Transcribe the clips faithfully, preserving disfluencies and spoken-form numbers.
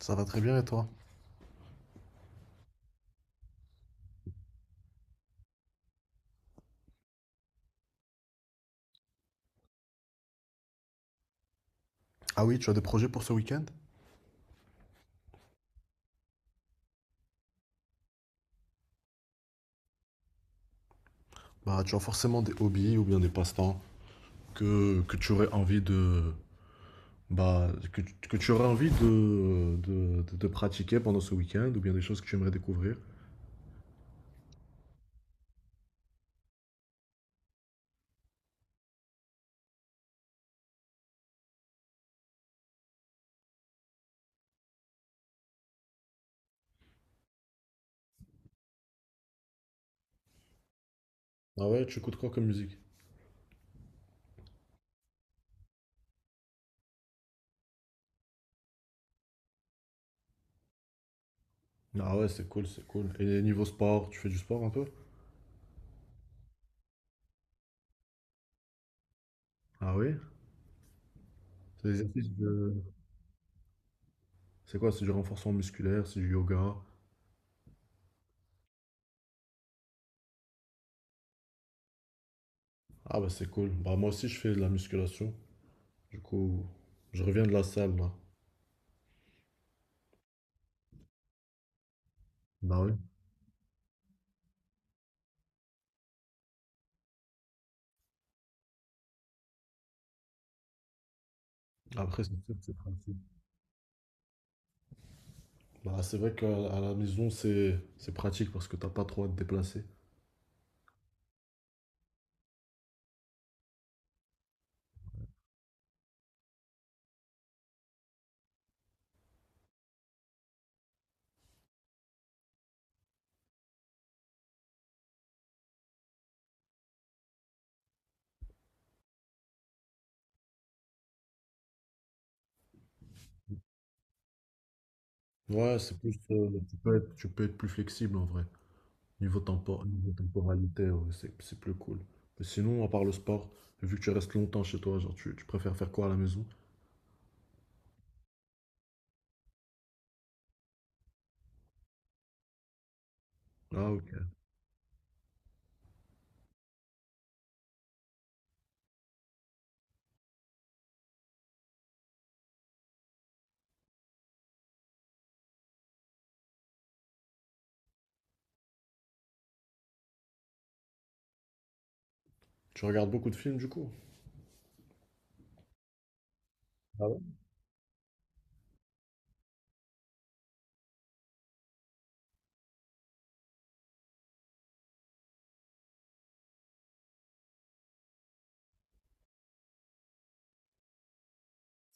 Ça va très bien et toi? Ah oui, tu as des projets pour ce week-end? Bah, tu as forcément des hobbies ou bien des passe-temps que, que tu aurais envie de bah que, tu que tu aurais envie de, de, de- de pratiquer pendant ce week-end ou bien des choses que tu aimerais découvrir. Ah ouais, tu écoutes quoi comme musique? Ah ouais, c'est cool, c'est cool. Et niveau sport, tu fais du sport un peu? Ah oui? C'est des exercices de... C'est quoi? C'est du renforcement musculaire, c'est du yoga. Ah bah c'est cool. Bah moi aussi je fais de la musculation. Du coup, je reviens de la salle là. Bah oui. Après, c'est sûr que c'est pratique. Bah, c'est vrai qu'à à la maison, c'est c'est pratique parce que t'as pas trop à te déplacer. Ouais, c'est plus, euh, tu peux être, tu peux être plus flexible en vrai. Niveau tempor- niveau temporalité, ouais, c'est c'est plus cool. Mais sinon, à part le sport, vu que tu restes longtemps chez toi, genre, tu, tu préfères faire quoi à la maison? Ah, ok. Tu regardes beaucoup de films du coup? Ah ouais?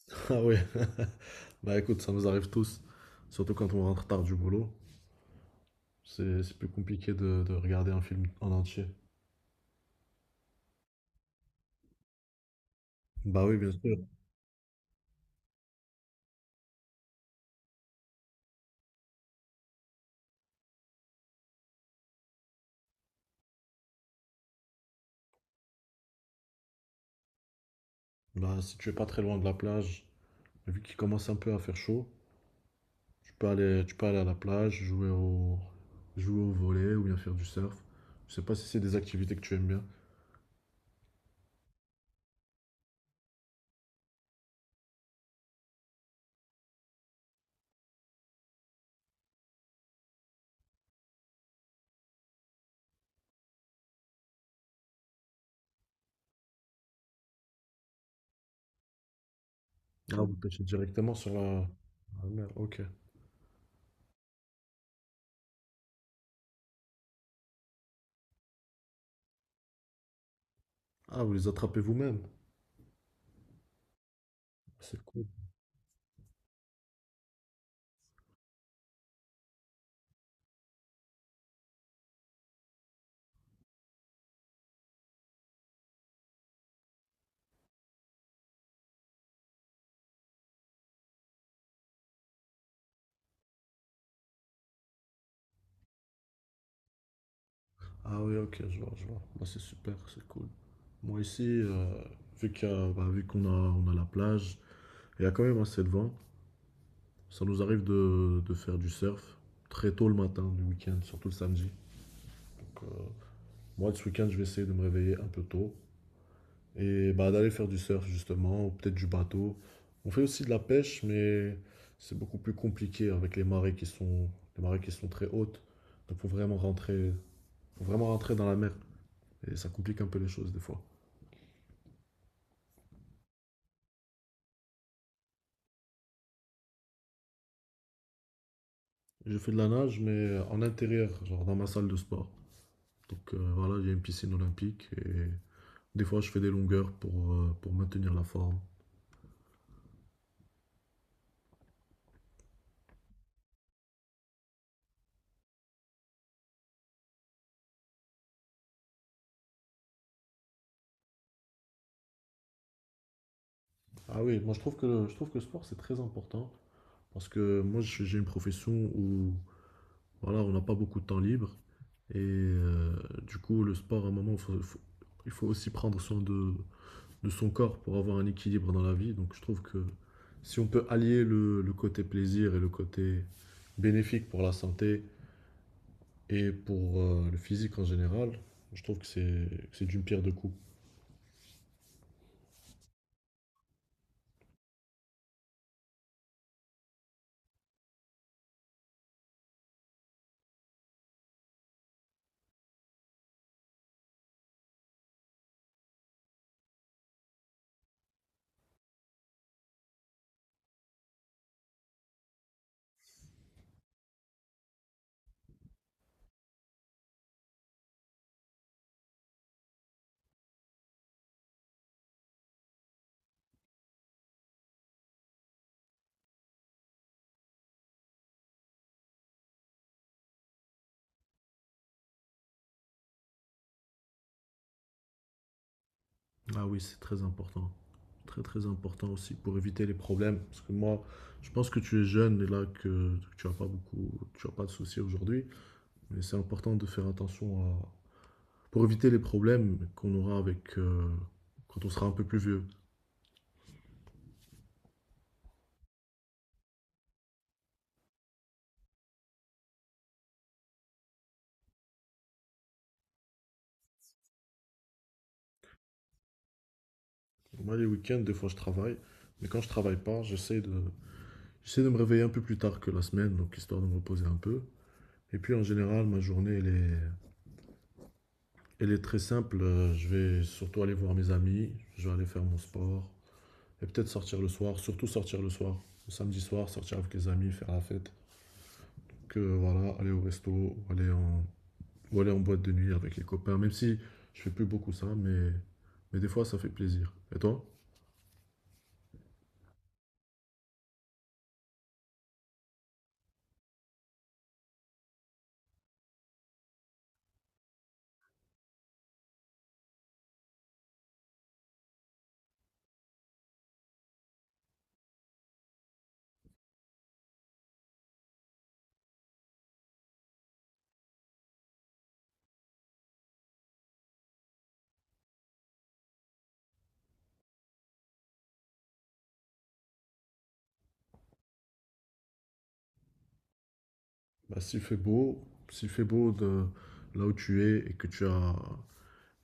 Ah ouais. Bah écoute, ça nous arrive tous. Surtout quand on rentre tard du boulot. C'est c'est plus compliqué de, de regarder un film en entier. Bah oui, bien sûr. Bah, si tu es pas très loin de la plage, vu qu'il commence un peu à faire chaud, tu peux aller, tu peux aller à la plage, jouer au, jouer au volley ou bien faire du surf. Je sais pas si c'est des activités que tu aimes bien. Ah, vous pêchez directement sur la, la mer, ok. Ah, vous les attrapez vous-même. C'est cool. Ah oui, ok, je vois, je vois. Bah, c'est super, c'est cool. Moi ici, euh, vu qu'il y a- bah, vu qu'on a, on a la plage, il y a quand même assez de vent. Ça nous arrive de, de faire du surf très tôt le matin du week-end, surtout le samedi. euh, Moi, ce week-end, je vais essayer de me réveiller un peu tôt et bah, d'aller faire du surf, justement, ou peut-être du bateau. On fait aussi de la pêche, mais c'est beaucoup plus compliqué avec les marées qui sont, les marées qui sont très hautes. Donc, faut vraiment rentrer, faut vraiment rentrer dans la mer et ça complique un peu les choses des fois. Je fais de la nage, mais en intérieur, genre dans ma salle de sport. Donc, euh, voilà, il y a une piscine olympique et des fois, je fais des longueurs pour, euh, pour maintenir la forme. Ah oui, moi, je trouve que, je trouve que le sport, c'est très important. Parce que moi, je- j'ai une profession où voilà, on n'a pas beaucoup de temps libre. Et euh, du coup, le sport, à un moment, faut- faut- il faut aussi prendre soin de, de son corps pour avoir un équilibre dans la vie. Donc, je trouve que si on peut allier le, le côté plaisir et le côté bénéfique pour la santé et pour euh, le physique en général, je trouve que c'est que c'est d'une pierre deux coups. Ah oui, c'est très important. Très très important aussi pour éviter les problèmes. Parce que moi, je pense que tu es jeune et là que, tu n'as pas beaucoup, tu as pas de soucis aujourd'hui. Mais c'est important de faire attention à, pour éviter les problèmes qu'on aura avec euh, quand on sera un peu plus vieux. Moi, les week-ends, des fois, je travaille. Mais quand je travaille pas, j'essaie de, j'essaie de me réveiller un peu plus tard que la semaine, donc histoire de me reposer un peu. Et puis en général, ma journée, elle est, elle est très simple. Euh, Je vais surtout aller voir mes amis, je vais aller faire mon sport, et peut-être sortir le soir, surtout sortir le soir. Le samedi soir, sortir avec les amis, faire la fête. Que voilà, aller au resto ou aller en, ou aller en boîte de nuit avec les copains. Même si je fais plus beaucoup ça, mais, mais des fois ça fait plaisir. Et toi? Bah, s'il fait beau, s'il fait beau de là où tu es et que tu as,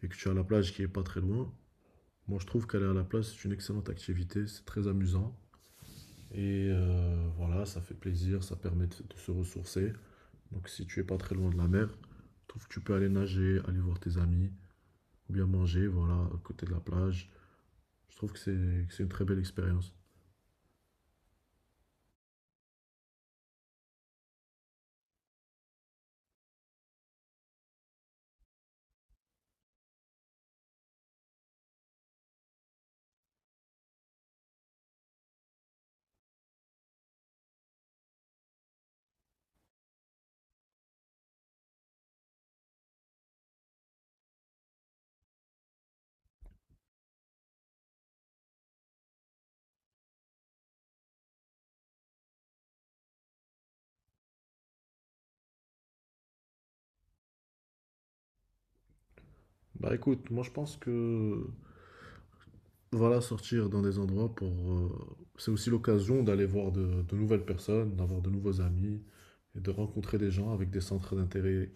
et que tu as la plage qui est pas très loin, moi je trouve qu'aller à la plage c'est une excellente activité, c'est très amusant. Et euh, voilà, ça fait plaisir, ça permet de de se ressourcer. Donc si tu es pas très loin de la mer, je trouve que tu peux aller nager, aller voir tes amis, ou bien manger, voilà, à côté de la plage. Je trouve que c'est que c'est une très belle expérience. Bah écoute, moi je pense que voilà, sortir dans des endroits pour euh, c'est aussi l'occasion d'aller voir de, de nouvelles personnes, d'avoir de nouveaux amis et de rencontrer des gens avec des centres d'intérêt,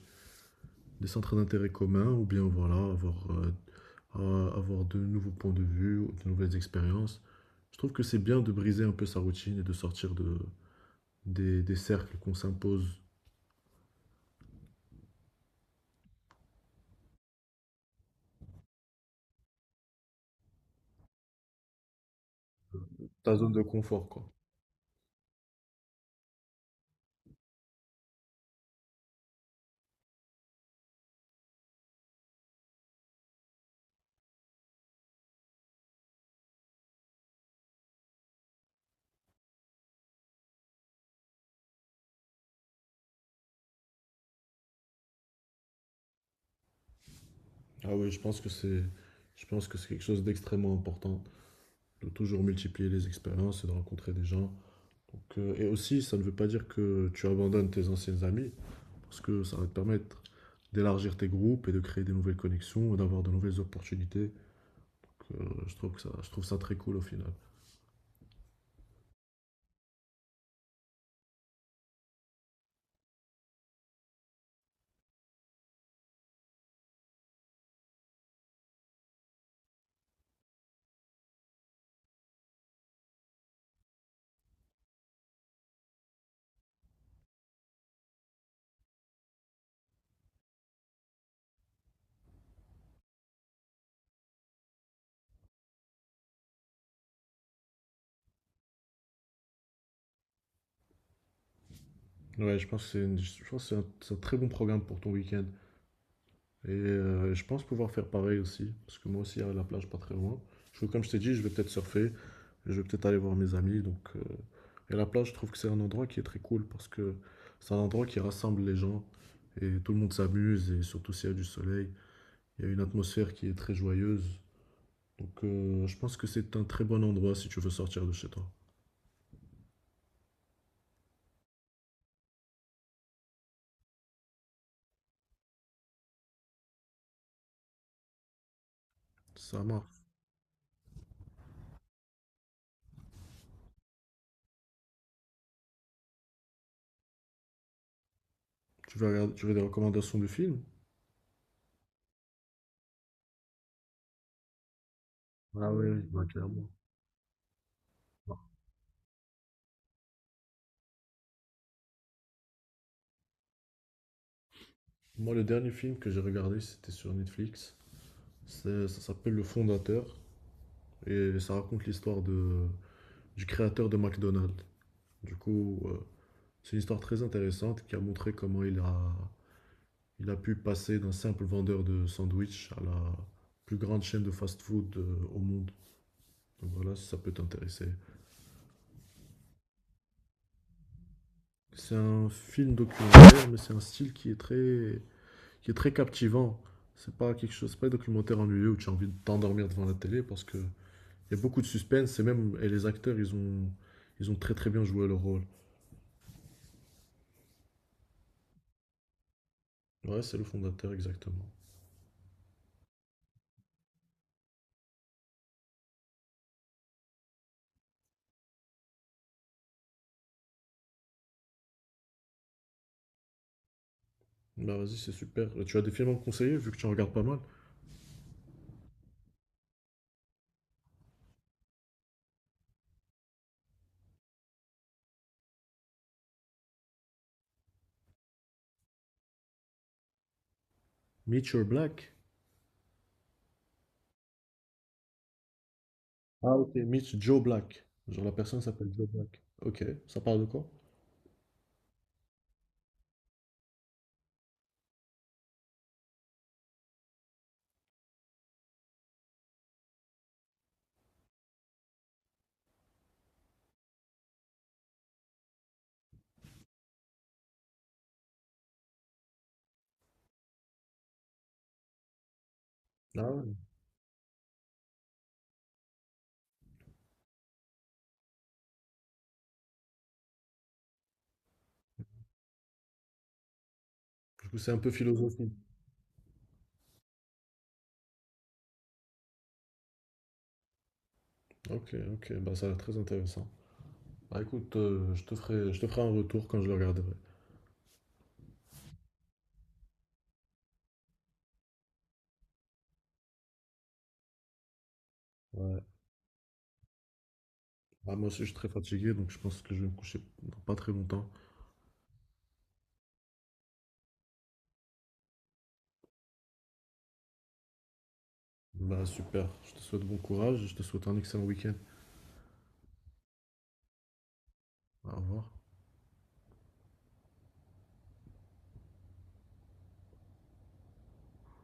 des centres d'intérêt communs, ou bien voilà, avoir euh, à- avoir de nouveaux points de vue, ou de nouvelles expériences. Je trouve que c'est bien de briser un peu sa routine et de sortir de, des, des cercles qu'on s'impose, ta zone de confort, quoi. Ah oui, je pense que c'est, je pense que c'est quelque chose d'extrêmement important, de toujours multiplier les expériences et de rencontrer des gens. Donc, euh, et aussi, ça ne veut pas dire que tu abandonnes tes anciennes amies, parce que ça va te permettre d'élargir tes groupes et de créer des nouvelles connexions et d'avoir de nouvelles opportunités. Donc, euh, je trouve que ça, je trouve ça très cool au final. Ouais, je pense que c'est une- je pense que c'est un, c'est un très bon programme pour ton week-end. Et euh, je pense pouvoir faire pareil aussi, parce que moi aussi, il y a la plage pas très loin. Je, comme je t'ai dit, je vais peut-être surfer, je vais peut-être aller voir mes amis. Donc, euh, et la plage, je trouve que c'est un endroit qui est très cool, parce que c'est un endroit qui rassemble les gens, et tout le monde s'amuse, et surtout s'il y a du soleil, il y a une atmosphère qui est très joyeuse. Donc euh, je pense que c'est un très bon endroit si tu veux sortir de chez toi. Ça marche. Tu veux regarder, tu veux des recommandations de films? Ah oui, oui, bah, clairement. Moi, le dernier film que j'ai regardé, c'était sur Netflix. C'est- Ça s'appelle Le Fondateur et ça raconte l'histoire de, du créateur de McDonald's. Du coup, euh, c'est une histoire très intéressante qui a montré comment il a, il a pu passer d'un simple vendeur de sandwich à la plus grande chaîne de fast-food euh, au monde. Donc voilà, si ça peut t'intéresser. C'est un film documentaire, mais c'est un style qui est très, qui est très captivant. C'est pas quelque chose, c'est pas un documentaire ennuyeux où tu as envie de t'endormir devant la télé parce que il y a beaucoup de suspense et même et les acteurs, ils ont, ils ont très très bien joué leur rôle. Ouais, c'est le fondateur, exactement. Bah vas-y, c'est super. Tu as des films à me conseiller, vu que tu en regardes pas mal. Meet Your Black. Ah, ok. Meet Joe Black. Genre la personne s'appelle Joe Black. Ok, ça parle de quoi? Ah ouais. Du coup, c'est un peu philosophique. Ok, ok, bah ça a l'air très intéressant. Bah écoute, euh, je te ferai, je te ferai un retour quand je le regarderai. Ouais. Bah, moi aussi, je suis très fatigué, donc je pense que je vais me coucher dans pas très longtemps. Bah super, je te souhaite bon courage et je te souhaite un excellent week-end. Au revoir.